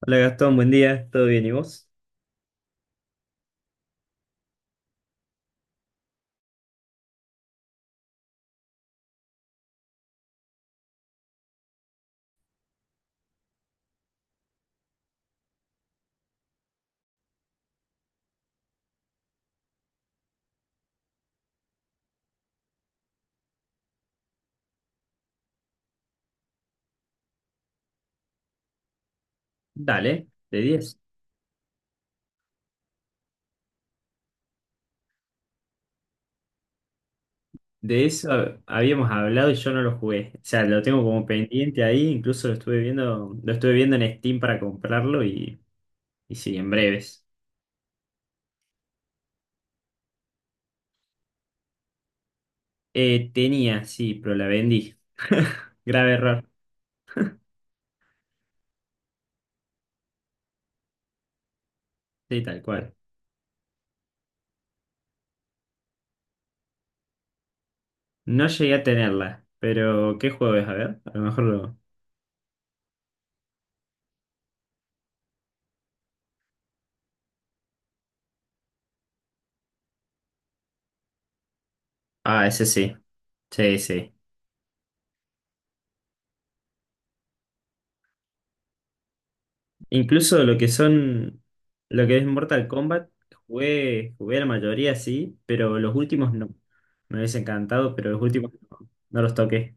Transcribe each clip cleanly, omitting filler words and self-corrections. Hola Gastón, buen día, ¿todo bien y vos? Dale, de 10. De eso habíamos hablado y yo no lo jugué. O sea, lo tengo como pendiente ahí, incluso lo estuve viendo en Steam para comprarlo y sí, en breves. Tenía, sí, pero la vendí. Grave error. Sí, tal cual. No llegué a tenerla, pero ¿qué juego es? A ver, a lo mejor lo. Ah, ese sí. Sí, sí. Incluso lo que es Mortal Kombat, jugué la mayoría, sí, pero los últimos no. Me hubiese encantado, pero los últimos no, no los toqué.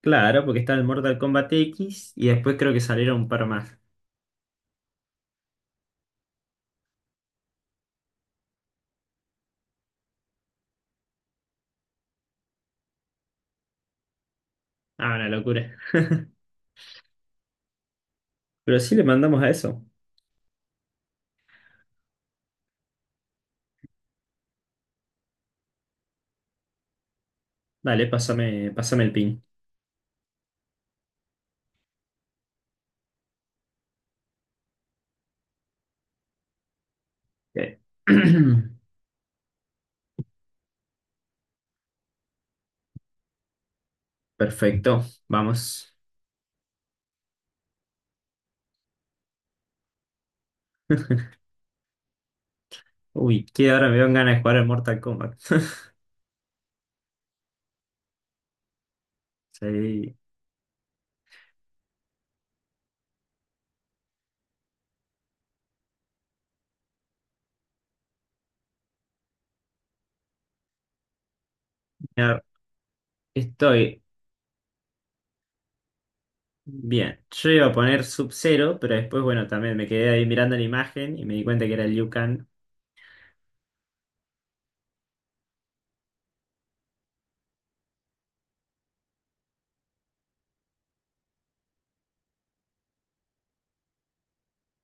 Claro, porque está el Mortal Kombat X y después creo que salieron un par más. Ah, una locura. Pero sí le mandamos a eso. Dale, pásame el pin. Eh, Perfecto, vamos. Uy, que ahora me dan ganas de jugar al Mortal Kombat. Sí. Mira, Estoy bien, yo iba a poner Sub-Zero, pero después, bueno, también me quedé ahí mirando la imagen y me di cuenta que era Liu Kang.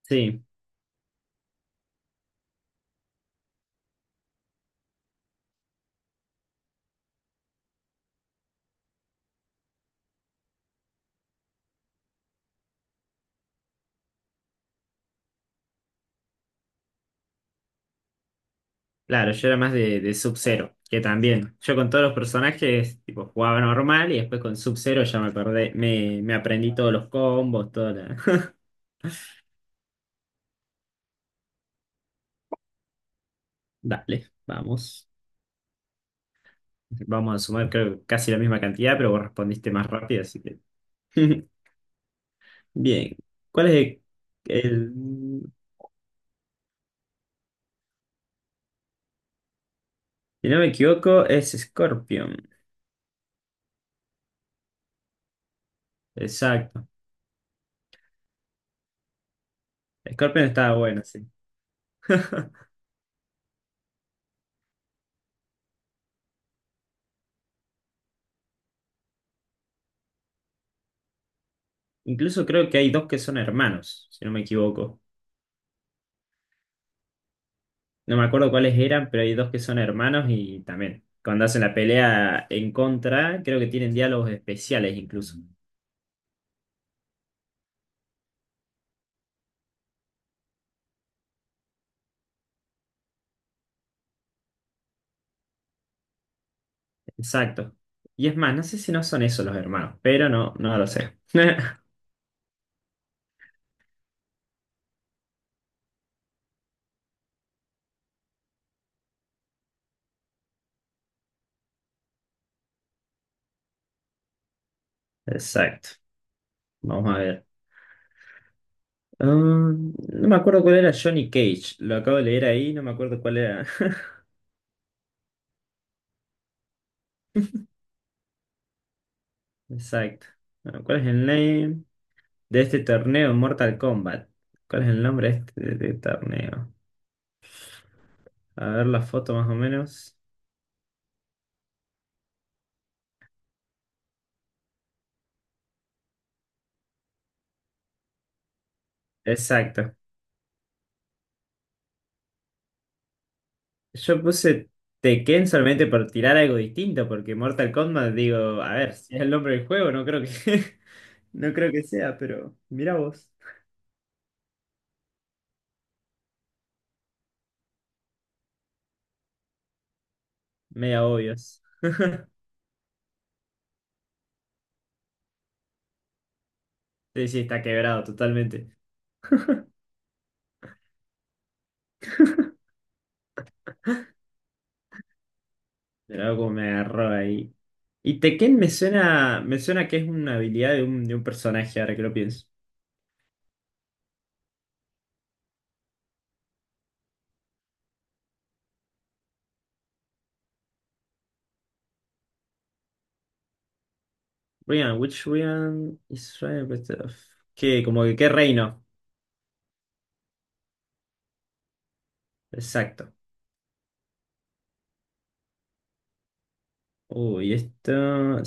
Sí, claro, yo era más de Sub-Zero, que también. Yo con todos los personajes, tipo, jugaba normal y después con Sub-Zero ya me perdí, me aprendí todos los combos, toda la. Dale, vamos. Vamos a sumar, creo, casi la misma cantidad, pero vos respondiste más rápido, así que. Bien. ¿Cuál es el- Si no me equivoco, es Scorpion. Exacto. Scorpion estaba bueno, sí. Incluso creo que hay dos que son hermanos, si no me equivoco. No me acuerdo cuáles eran, pero hay dos que son hermanos y también, cuando hacen la pelea en contra, creo que tienen diálogos especiales incluso. Exacto. Y es más, no sé si no son esos los hermanos, pero no, no lo sé. Exacto. Vamos a ver. No me acuerdo cuál era Johnny Cage. Lo acabo de leer ahí, no me acuerdo cuál era. Exacto. Bueno, ¿cuál es el name de este torneo en Mortal Kombat? ¿Cuál es el nombre de este torneo? A ver la foto más o menos. Exacto. Yo puse Tekken solamente por tirar algo distinto, porque Mortal Kombat, digo, a ver, si es el nombre del juego, no creo que, no creo que sea, pero mira vos. Media obvios. Sí, sí, está quebrado totalmente. Pero algo como me agarró ahí. Y Tekken me suena que es una habilidad de un personaje, ahora que lo pienso. Ryan, which Ryan is Ryan? ¿Qué? Como que qué reino. Exacto. Uy, esto.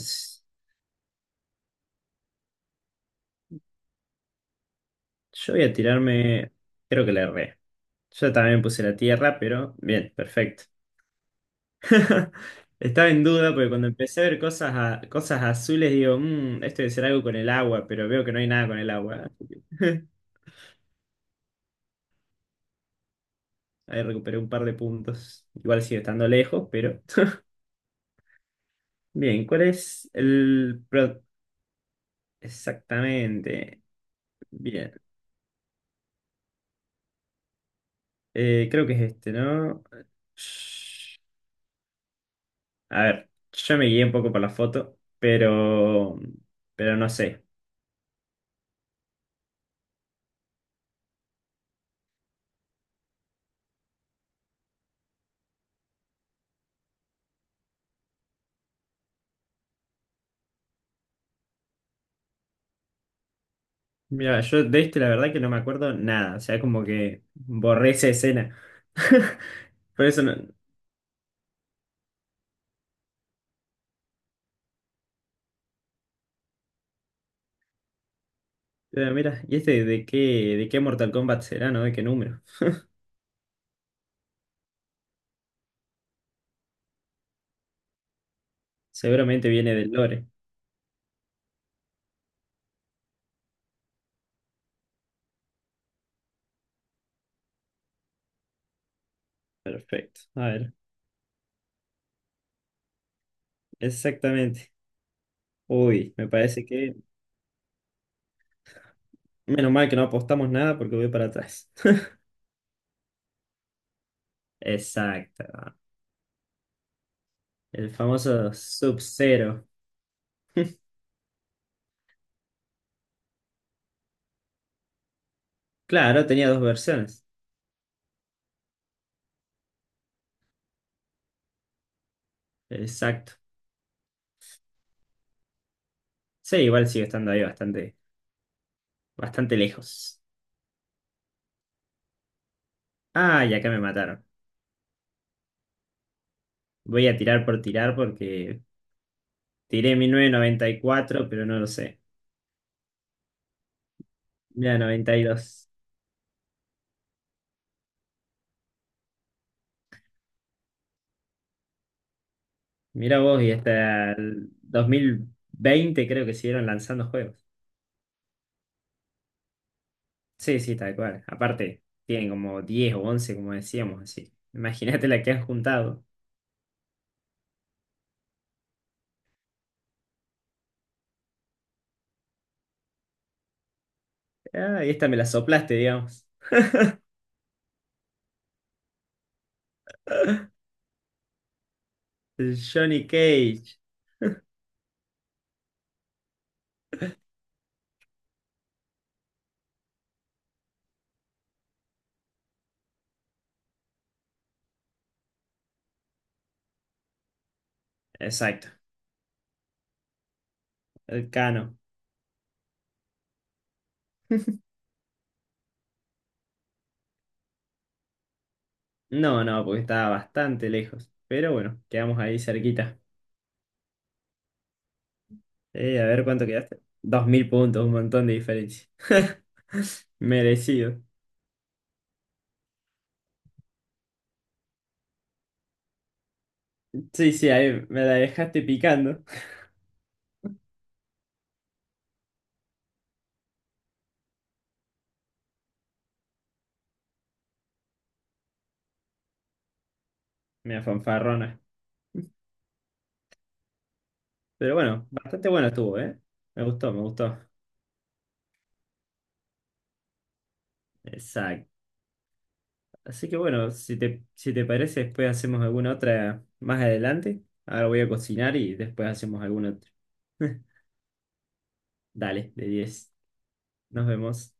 Yo voy a tirarme, creo que la erré. Yo también puse la tierra, pero bien, perfecto. Estaba en duda porque cuando empecé a ver cosas, cosas azules, digo: "Mm, esto debe ser algo con el agua, pero veo que no hay nada con el agua". Así que. Ahí recuperé un par de puntos. Igual sigue estando lejos, pero. Bien. ¿Cuál es el... pro- Exactamente. Bien. Creo que es este, ¿no? A ver, yo me guié un poco por la foto, pero no sé. Mira, yo de este la verdad que no me acuerdo nada. O sea, como que borré esa escena. Por eso no. Pero mira, ¿y este de qué Mortal Kombat será, no? ¿De qué número? Seguramente viene del lore. Perfecto. A ver, exactamente. Uy, me parece que. Menos mal que no apostamos nada porque voy para atrás. Exacto. El famoso Sub-Zero. Claro, tenía dos versiones. Exacto. Sí, igual sigue estando ahí bastante lejos. Ah, y acá me mataron. Voy a tirar por tirar porque tiré mi cuatro, pero no lo sé. Mira, 92. Mira vos, y hasta el 2020 creo que siguieron lanzando juegos. Sí, sí, tal cual. Aparte, tienen como 10 u 11, como decíamos, así. Imagínate la que han juntado. Ah, y esta me la soplaste, digamos. El Johnny Cage. Exacto, el Cano. No, no, porque estaba bastante lejos. Pero bueno, quedamos ahí cerquita. A ver cuánto quedaste. 2000 puntos, un montón de diferencia. Merecido. Sí, sí, ahí me la dejaste picando. Me fanfarrona. Pero bueno, bastante bueno estuvo, ¿eh? Me gustó, me gustó. Exacto. Así que bueno, si te parece, después hacemos alguna otra más adelante. Ahora voy a cocinar y después hacemos alguna otra. Dale, de 10. Nos vemos.